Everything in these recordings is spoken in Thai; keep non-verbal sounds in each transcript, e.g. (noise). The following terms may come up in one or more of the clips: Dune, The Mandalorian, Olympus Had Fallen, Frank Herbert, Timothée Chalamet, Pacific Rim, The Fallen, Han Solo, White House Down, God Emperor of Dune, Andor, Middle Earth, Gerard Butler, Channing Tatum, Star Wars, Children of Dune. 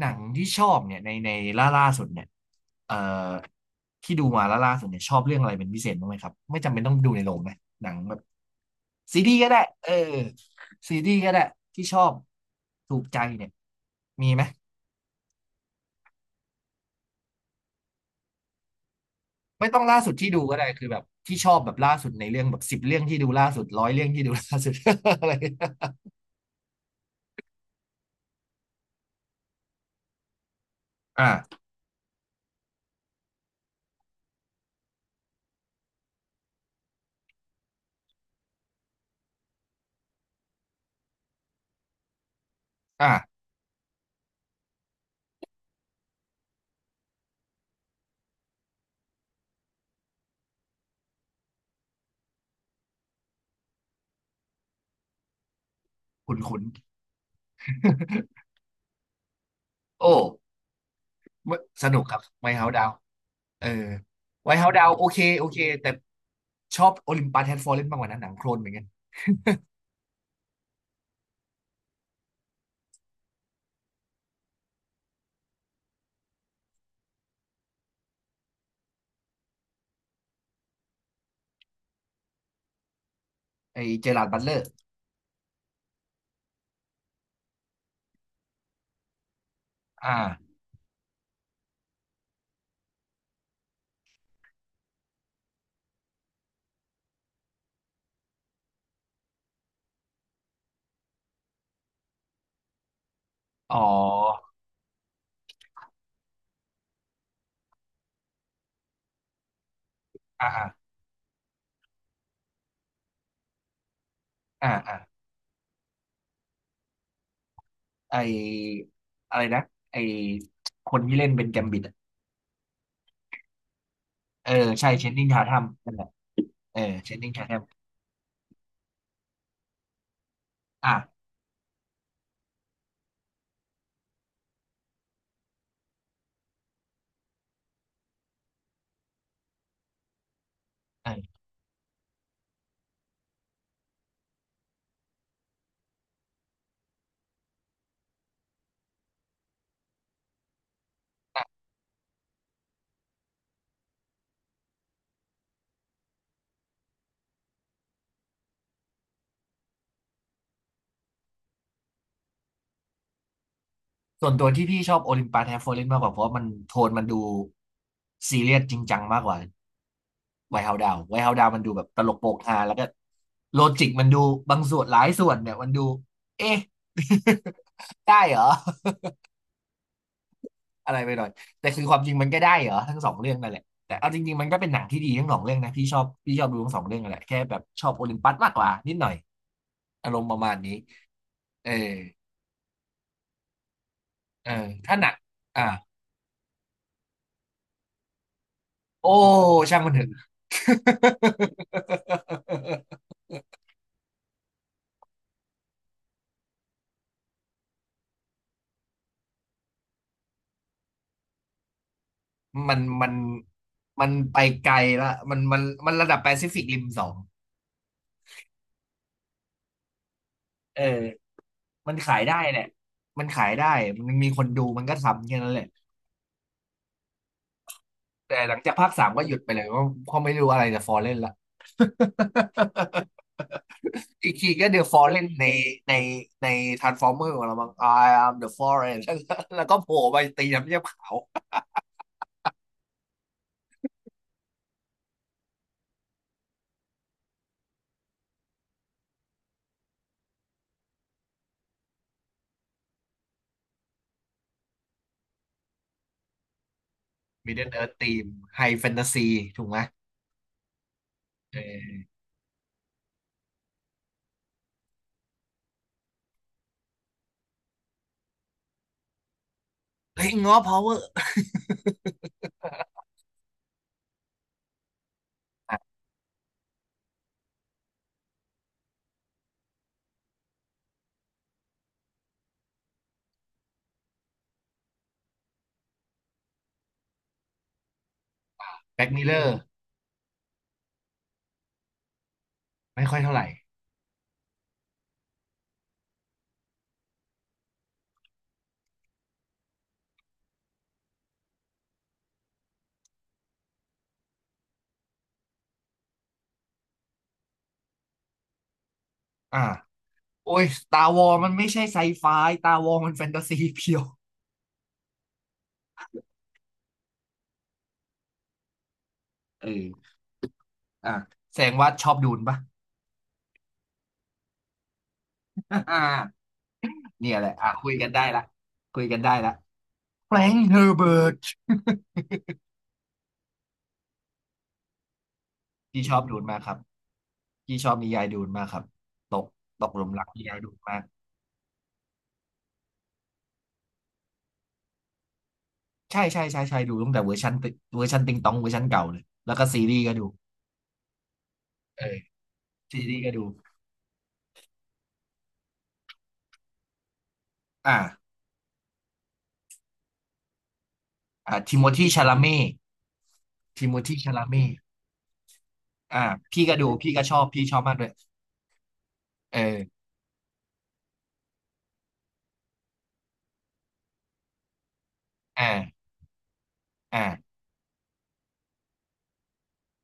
หนังที่ชอบเนี่ยในล่าสุดเนี่ยเอ่อที่ดูมาล่าสุดเนี่ยชอบเรื่องอะไรเป็นพิเศษบ้างไหมครับไม่จำเป็นต้องดูในโรงนะหนังแบบซีรีส์ก็ได้เออซีรีส์ก็ได้ที่ชอบถูกใจเนี่ยมีไหมไม่ต้องล่าสุดที่ดูก็ได้คือแบบที่ชอบแบบล่าสุดในเรื่องแบบสิบเรื่องที่ดูล่าสุดร้อยเรื่องที่ดูล่าสุด (laughs) อะไรอ่าอ่าคุ้นคุ้น (laughs) โอ้สนุกครับไม่เฮาดาว เออไวท์เฮาส์ดาวโอเคโอเคแต่ชอบโอลิมปัสแฮดฟอร์เรนมากกว่านั้นหนังโคลนเหมือนกันไอเจอราร์ดบัตเลอร์อ่าอ๋ออ่าอ่อ่าไออะไรนะไอคนที่เล่นเป็นแกมบิดอะเออใช่เชนนิงทาทัมนั่นแหละเออเชนนิงทาทัมอ่าเอออ่ะส่วนตัวที่พี่ชอบโอลิมปัสแฮดฟอร์เรนมากกว่าเพราะว่ามันโทนมันดูซีเรียสจริงจังมากกว่า ไวท์เฮาส์ดาวน์ไวท์เฮาส์ดาวน์มันดูแบบตลกโปกฮาแล้วก็โลจิกมันดูบางส่วนหลายส่วนเนี่ยมันดูเอ๊ะ (laughs) ได้เหรออะไรไปหน่อยแต่คือความจริงมันก็ได้เหรอทั้งสองเรื่องนั่นแหละแต่เอาจริงๆมันก็เป็นหนังที่ดีทั้งสองเรื่องนะพี่ชอบดูทั้งสองเรื่องนั่นแหละแค่แบบชอบโอลิมปัสมากกว่านิดหน่อยอารมณ์ประมาณนี้เออเออถ้าหนักอ่าโอ้ช่างมันเถอะ (laughs) มันมันมันไปไกลละมันระดับแปซิฟิกริมสองเออ มันขายได้แหละมันขายได้ มันมีคนดูมันก็ทำแค่นั้นแหละ แต่หลังจากภาคสามก็หยุดไปเลยเพราะไม่รู้อะไรจะฟอลเล่นละ (laughs) อีกทีก็เดอะฟอลเล่นในในในทรานส์ฟอร์เมอร์ของเราบ้าง I am the Fallen (laughs) แล้วก็โผล่ไปตีน้ำเยี่ยมขาว Middle Earth ทีมไฮแฟนตาซีถูกไหมเออเฮ้ยง้อ power อ่ะแบ็กมิลเลอร์ไม่ค่อยเท่าไหร่อ่าโอ้ยตาวอมันไม่ใช่ไซไฟตาวอมันแฟนตาซีเพียวเอออ่ะแสดงว่าชอบดูนปะ อ่าเนี่ยแหละอ่ะคุยกันได้ละคุยกันได้ละแฟรงค์เฮอร์เบิร์ต (laughs) พี่ชอบดูนมากครับพี่ชอบนิยายดูนมากครับตกตกหลุมรักนิยายดูนมากใช่ดูตั้งแต่เวอร์ชันติเวอร์ชันติงตองเวอร์ชันเก่าเลยแล้วก็ซีรีส์ก็ดูเออซีรีส์ก็ดูอ่าอ่าทิโมธีชาลาเม่ทิโมธีชาลาเม่อ่าพี่ก็ดูพี่ชอบมากด้วยเอออ่าอ่า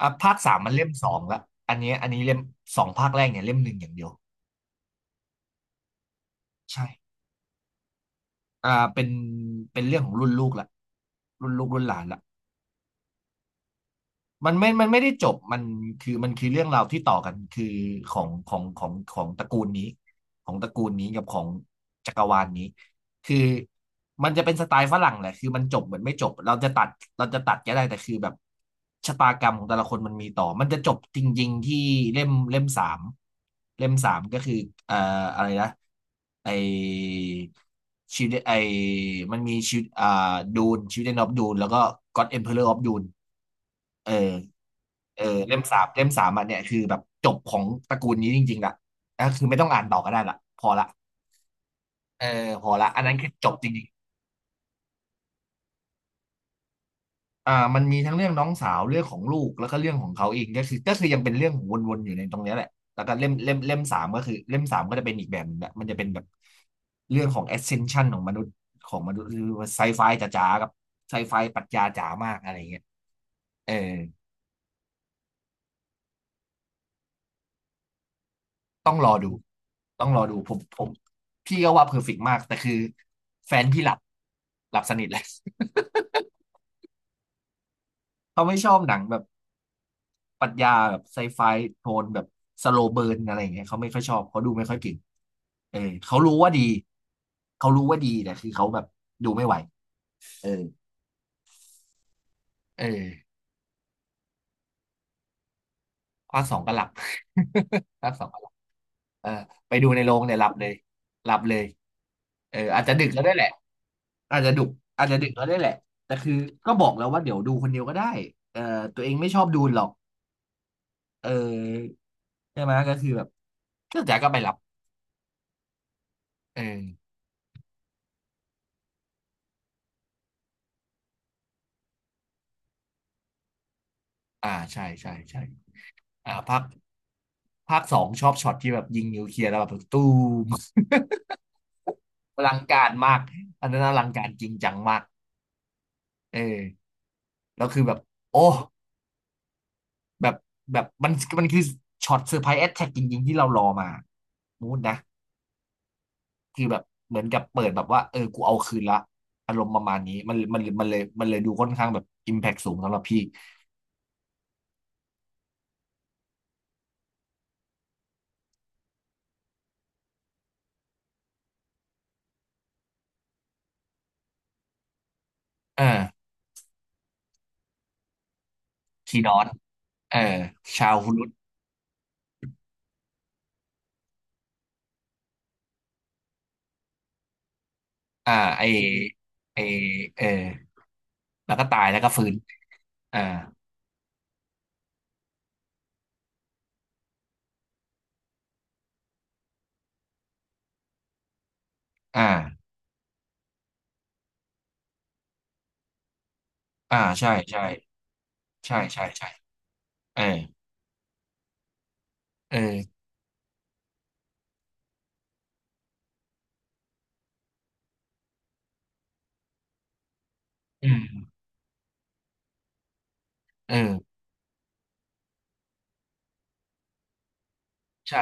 อ่ะภาคสามมันเล่มสองละอันนี้เล่มสองภาคแรกเนี่ยเล่มหนึ่งอย่างเดียวใช่ อ่าเป็นเรื่องของรุ่นลูกละรุ่นลูกรุ่นหลานละ มันไม่ได้จบ มันคือเรื่องราวที่ต่อกันคือของตระกูลนี้ ของตระกูลนี้กับของจักรวาลนี้ คือมันจะเป็นสไตล์ฝรั่งแหละคือมันจบเหมือนไม่จบ เราจะตัดก็ได้แต่คือแบบชะตากรรมของแต่ละคนมันมีต่อ มันจะจบจริงๆที่เล่มเล่มสามเล่มสามก็คือเอ่ออะไรนะไอชิวิตไอมันมีชีวดูนชีวิตเดนออฟดูนแล้วก็ก็อดเอ็มเพอเรอร์ออฟดูน เออเออเล่มสามอันเนี่ยคือแบบจบของตระกูลนี้จริงๆละก็คือไม่ต้องอ่านต่อก็ได้ละพอละเออพอละอันนั้นคือจบจริงๆอ่ามันมีทั้งเรื่องน้องสาวเรื่องของลูกแล้วก็เรื่องของเขาเองก็คือยังเป็นเรื่องวนๆอยู่ในตรงเนี้ยแหละแล้วก็เล่มสามก็คือเล่มสามก็จะเป็นอีกแบบหนึงละมันจะเป็นแบบเรื่องของ ascension ของมนุษย์ของมนุษย์หรือไซไฟจ๋าๆกับไซไฟปรัชญาจ๋ามากอะไรเงี้ยเออ ต้องรอดู ต้องรอดูผมพี่ก็ว่าเพอร์เฟกต์มาก แต่คือแฟนพี่หลับ หลับสนิทเลย (laughs) เขาไม่ชอบหนังแบบปรัชญาแบบไซไฟ โทนแบบสโลเบิร์นอะไรอย่างเงี้ยเขาไม่ค่อยชอบ เขาดูไม่ค่อยเก่งเออเขารู้ว่าดี เขารู้ว่าดีแต่คือเขาแบบดูไม่ไหวเออเออภาคสองก็หลับ (laughs) ภาคสองก็หลับเออไปดูในโรงเนี่ยหลับเลย หลับเลยเอออาจจะดึกแล้วได้วยแหละ อาจจะดุอาจจะดึกก็ได้แหละแต่คือก็บอกแล้วว่าเดี๋ยวดูคนเดียวก็ได้เออตัวเองไม่ชอบดูหรอกเออใช่ไหมก็คือแบบก็จ๋าก็ไปรับเอออ่าใช่ใช่ใช่อ่าภาคสองชอบช็อตที่แบบยิงนิวเคลียร์แล้วแบบตู้ม (laughs) อลังการมากอันนั้นอลังการจริงจังมากเออแล้วคือแบบโอ้แบบแบบมันคือช็อตเซอร์ไพรส์แอ t แทกจริงๆที่เรารอมามูดนะ คือแบบเหมือนกับเปิดแบบว่าเออกูเอาคืนละอารมณ์ประมาณนี้มันมันมันเลยมันเลยดูค่อนข้างแบบอิมแพ t สูงสำหรับพี่เออคีดอนเออชาวฮุรุตอ่าไอไอเออแล้วก็ตายแล้วก็ฟื้นอ่าอ่าอ่าใช่ใช่ใช่ใช่ใช่เออเอออืมเออ ใช่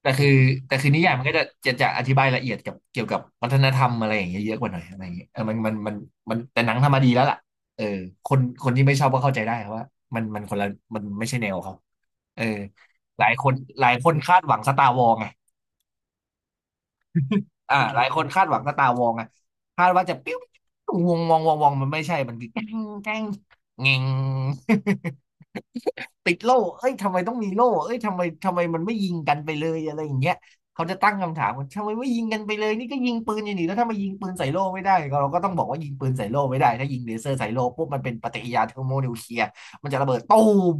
แต่คือแต่คือนิยายมันก็จะจะจะอธิบายละเอียดกับเกี่ยวกับวัฒนธรรมอะไรอย่างเงี้ยเยอะกว่าหน่อยอะไรอย่างเงี้ยเออมันมันมันมันแต่หนังทำมาดีแล้วล่ะเออคนที่ไม่ชอบก็เข้าใจได้ครับว่ามันมันคนละมันไม่ใช่แนวเขาเออหลายคนหลายคนคาดหวังสตาร์วอลไงอ่าหลายคนคาดหวังสตาร์วอลไงคาดว่าจะปิ้ววงมันไม่ใช่มันคือแกล้งเงง ติดโล่เอ้ยทำไมต้องมีโล่เอ้ยทำไมมันไม่ยิงกันไปเลยอะไรอย่างเงี้ยเขาจะตั้งคำถามว่าทำไมไม่ยิงกันไปเลยนี่ก็ยิงปืนอย่างนี้แล้วถ้ามายิงปืนใส่โล่ไม่ได้ก็เราก็ต้องบอกว่ายิงปืนใส่โล่ไม่ได้ถ้ายิงเลเซอร์ใส่โล่ปุ๊บมันเป็นปฏิกิริยาเทอร์โมนิวเคลียร์มันจะระเบิดตูม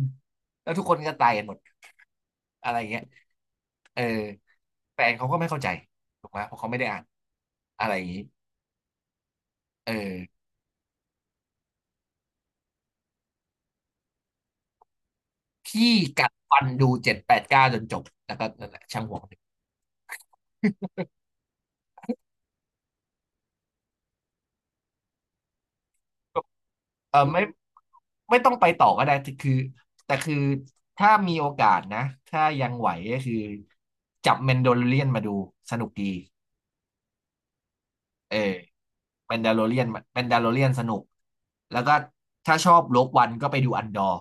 แล้วทุกคนก็ตายกันหมดอะไรอย่างเงี้ยเออแฟนเขาก็ไม่เข้าใจถูกไหมเพราะเขาไม่ได้อ่านอะไรอย่างนี้เออพี่กัดฟันดูเจ็ดแปดเก้าจนจบแล้วก็นั่นแหละช่างหัวมัน เออไม่ต้องไปต่อก็ได้แต่คือถ้ามีโอกาสนะถ้ายังไหวก็คือจับแมนโดลเรียนมาดูสนุกดีเออแมนดาโลเรียนแมนดาโลเรียนสนุกแล้วก็ถ้าชอบโลกวันก็ไปดูอันดอร์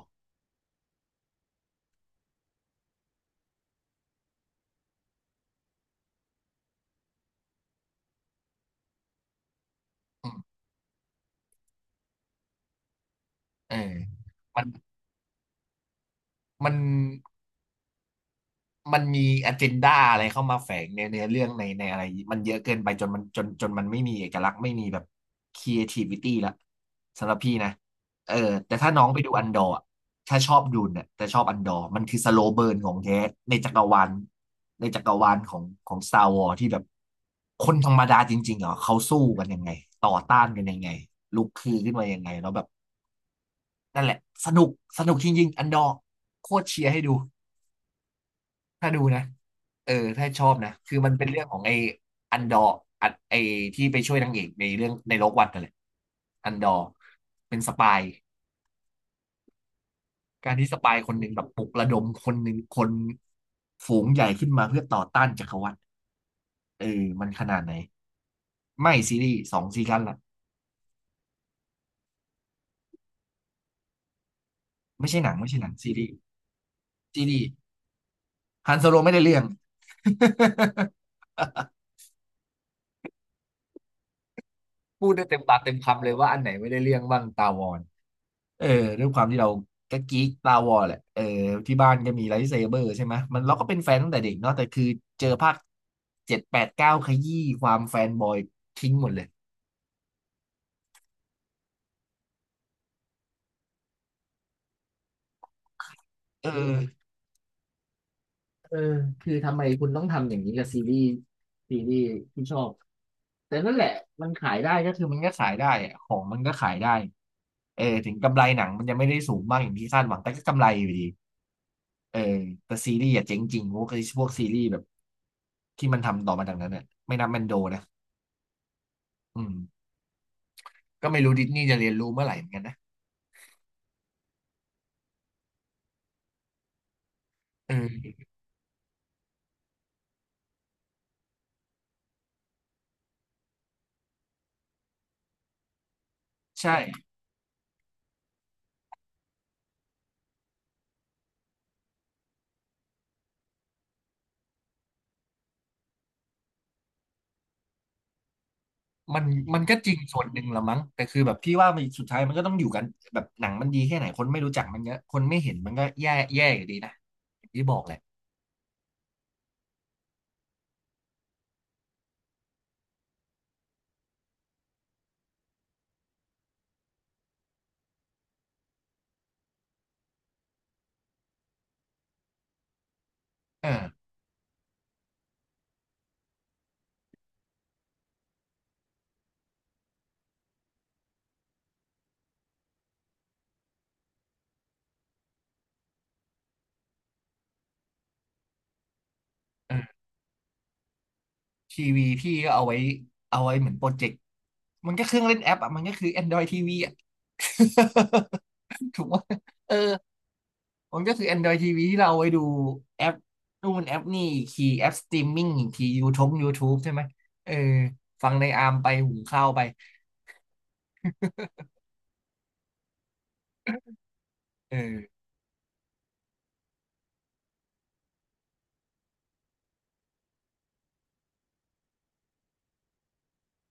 อืมเออมันมัน มันมี agenda อะไรเข้ามาแฝงในเนื้อเรื่องในในอะไรมันเยอะเกินไปจนมันไม่มีเอกลักษณ์ไม่มีแบบ creativity ละสำหรับพี่นะเออแต่ถ้าน้องไปดูอันดอร์อะถ้าชอบดูเนี่ยแต่ชอบอันดอร์มันคือสโลว์เบิร์นของแท้ในจักรวาลในจักรวาลของของ Star Wars ที่แบบคนธรรมดาจริงๆเหรอเขาสู้กันยังไงต่อต้านกันยังไงลุกคือขึ้นมายังไงแล้วแบบนั่นแหละสนุกสนุกจริงๆอันดอร์โคตรเชียร์ให้ดู ถ้าดูนะเออถ้าชอบนะ คือมันเป็นเรื่องของไอ้อันดอร์อันไอ้ที่ไปช่วยนางเอกในเรื่องในโลกวัดนั่นแหละอันดอร์เป็นสปายการที่สปายคนหนึ่งแบบปลุกระดมคนหนึ่งคนฝูงใหญ่ขึ้นมาเพื่อต่อต้านจักรวรรดิเออมันขนาดไหนไม่ซีรีส์สองซีซั่นละไม่ใช่หนังซีรีส์ฮันโซโลไม่ได้เรื่อง (laughs) พูดได้เต็มปากเต็มคำเลยว่าอันไหนไม่ได้เรื่องบ้างตาวอน เออด้วยความที่เราก็กิ๊กตาวอร์แหละเออที่บ้านก็มีไลท์เซเบอร์ใช่ไหมมันเราก็เป็นแฟนตั้งแต่เด็กเนาะแต่คือเจอภาคเจ็ดแปดเก้าขยี้ความแฟนบอยทิ้งหมดเลยเออเออคือทำไมคุณต้องทำอย่างนี้กับซีรีส์ที่ชอบแต่นั่นแหละมันขายได้ก็คือมันก็ขายได้อะของมันก็ขายได้เออถึงกำไรหนังมันยังไม่ได้สูงมากอย่างที่คาดหวังแต่ก็กำไรอยู่ดีเออแต่ซีรีส์อะเจ๊งจริงพวกซีรีส์แบบที่มันทำต่อมาจากนั้นเนี่ยไม่นับแมนโดนะ อืมก็ไม่รู้ดิสนีย์จะเรียนรู้เมื่อไหร่เหมือนกันนะเออใช่มันมันก็จริงส่วนหนึ่งละมั้งแต่คือแบบพี่ว่ามันสุดท้ายมันก็ต้องอยู่กันแบบหนังมันดีแค่ไหนคนไม่รู้จักมันก็คนไม่เห็นมันก็แย่แย่อยู่ดีนะอย่างที่บอกแหละเออเออทีวีพี่ก็เอาไว้เอาไว้เหมือนโปรเจกต์มันก็เครื่องเล่นแอปอ่ะมันก็คือ Android TV อ่ะ (laughs) ถูกไหมเออ มันก็คือ Android TV ที่เราเอาไว้ดูแอปนู่นแอปนี่อีกทีแอปสตรีมมิ่งอีกที YouTube ใช่ไหมเออฟังในอาร์มไปหุงข้าวไปเออ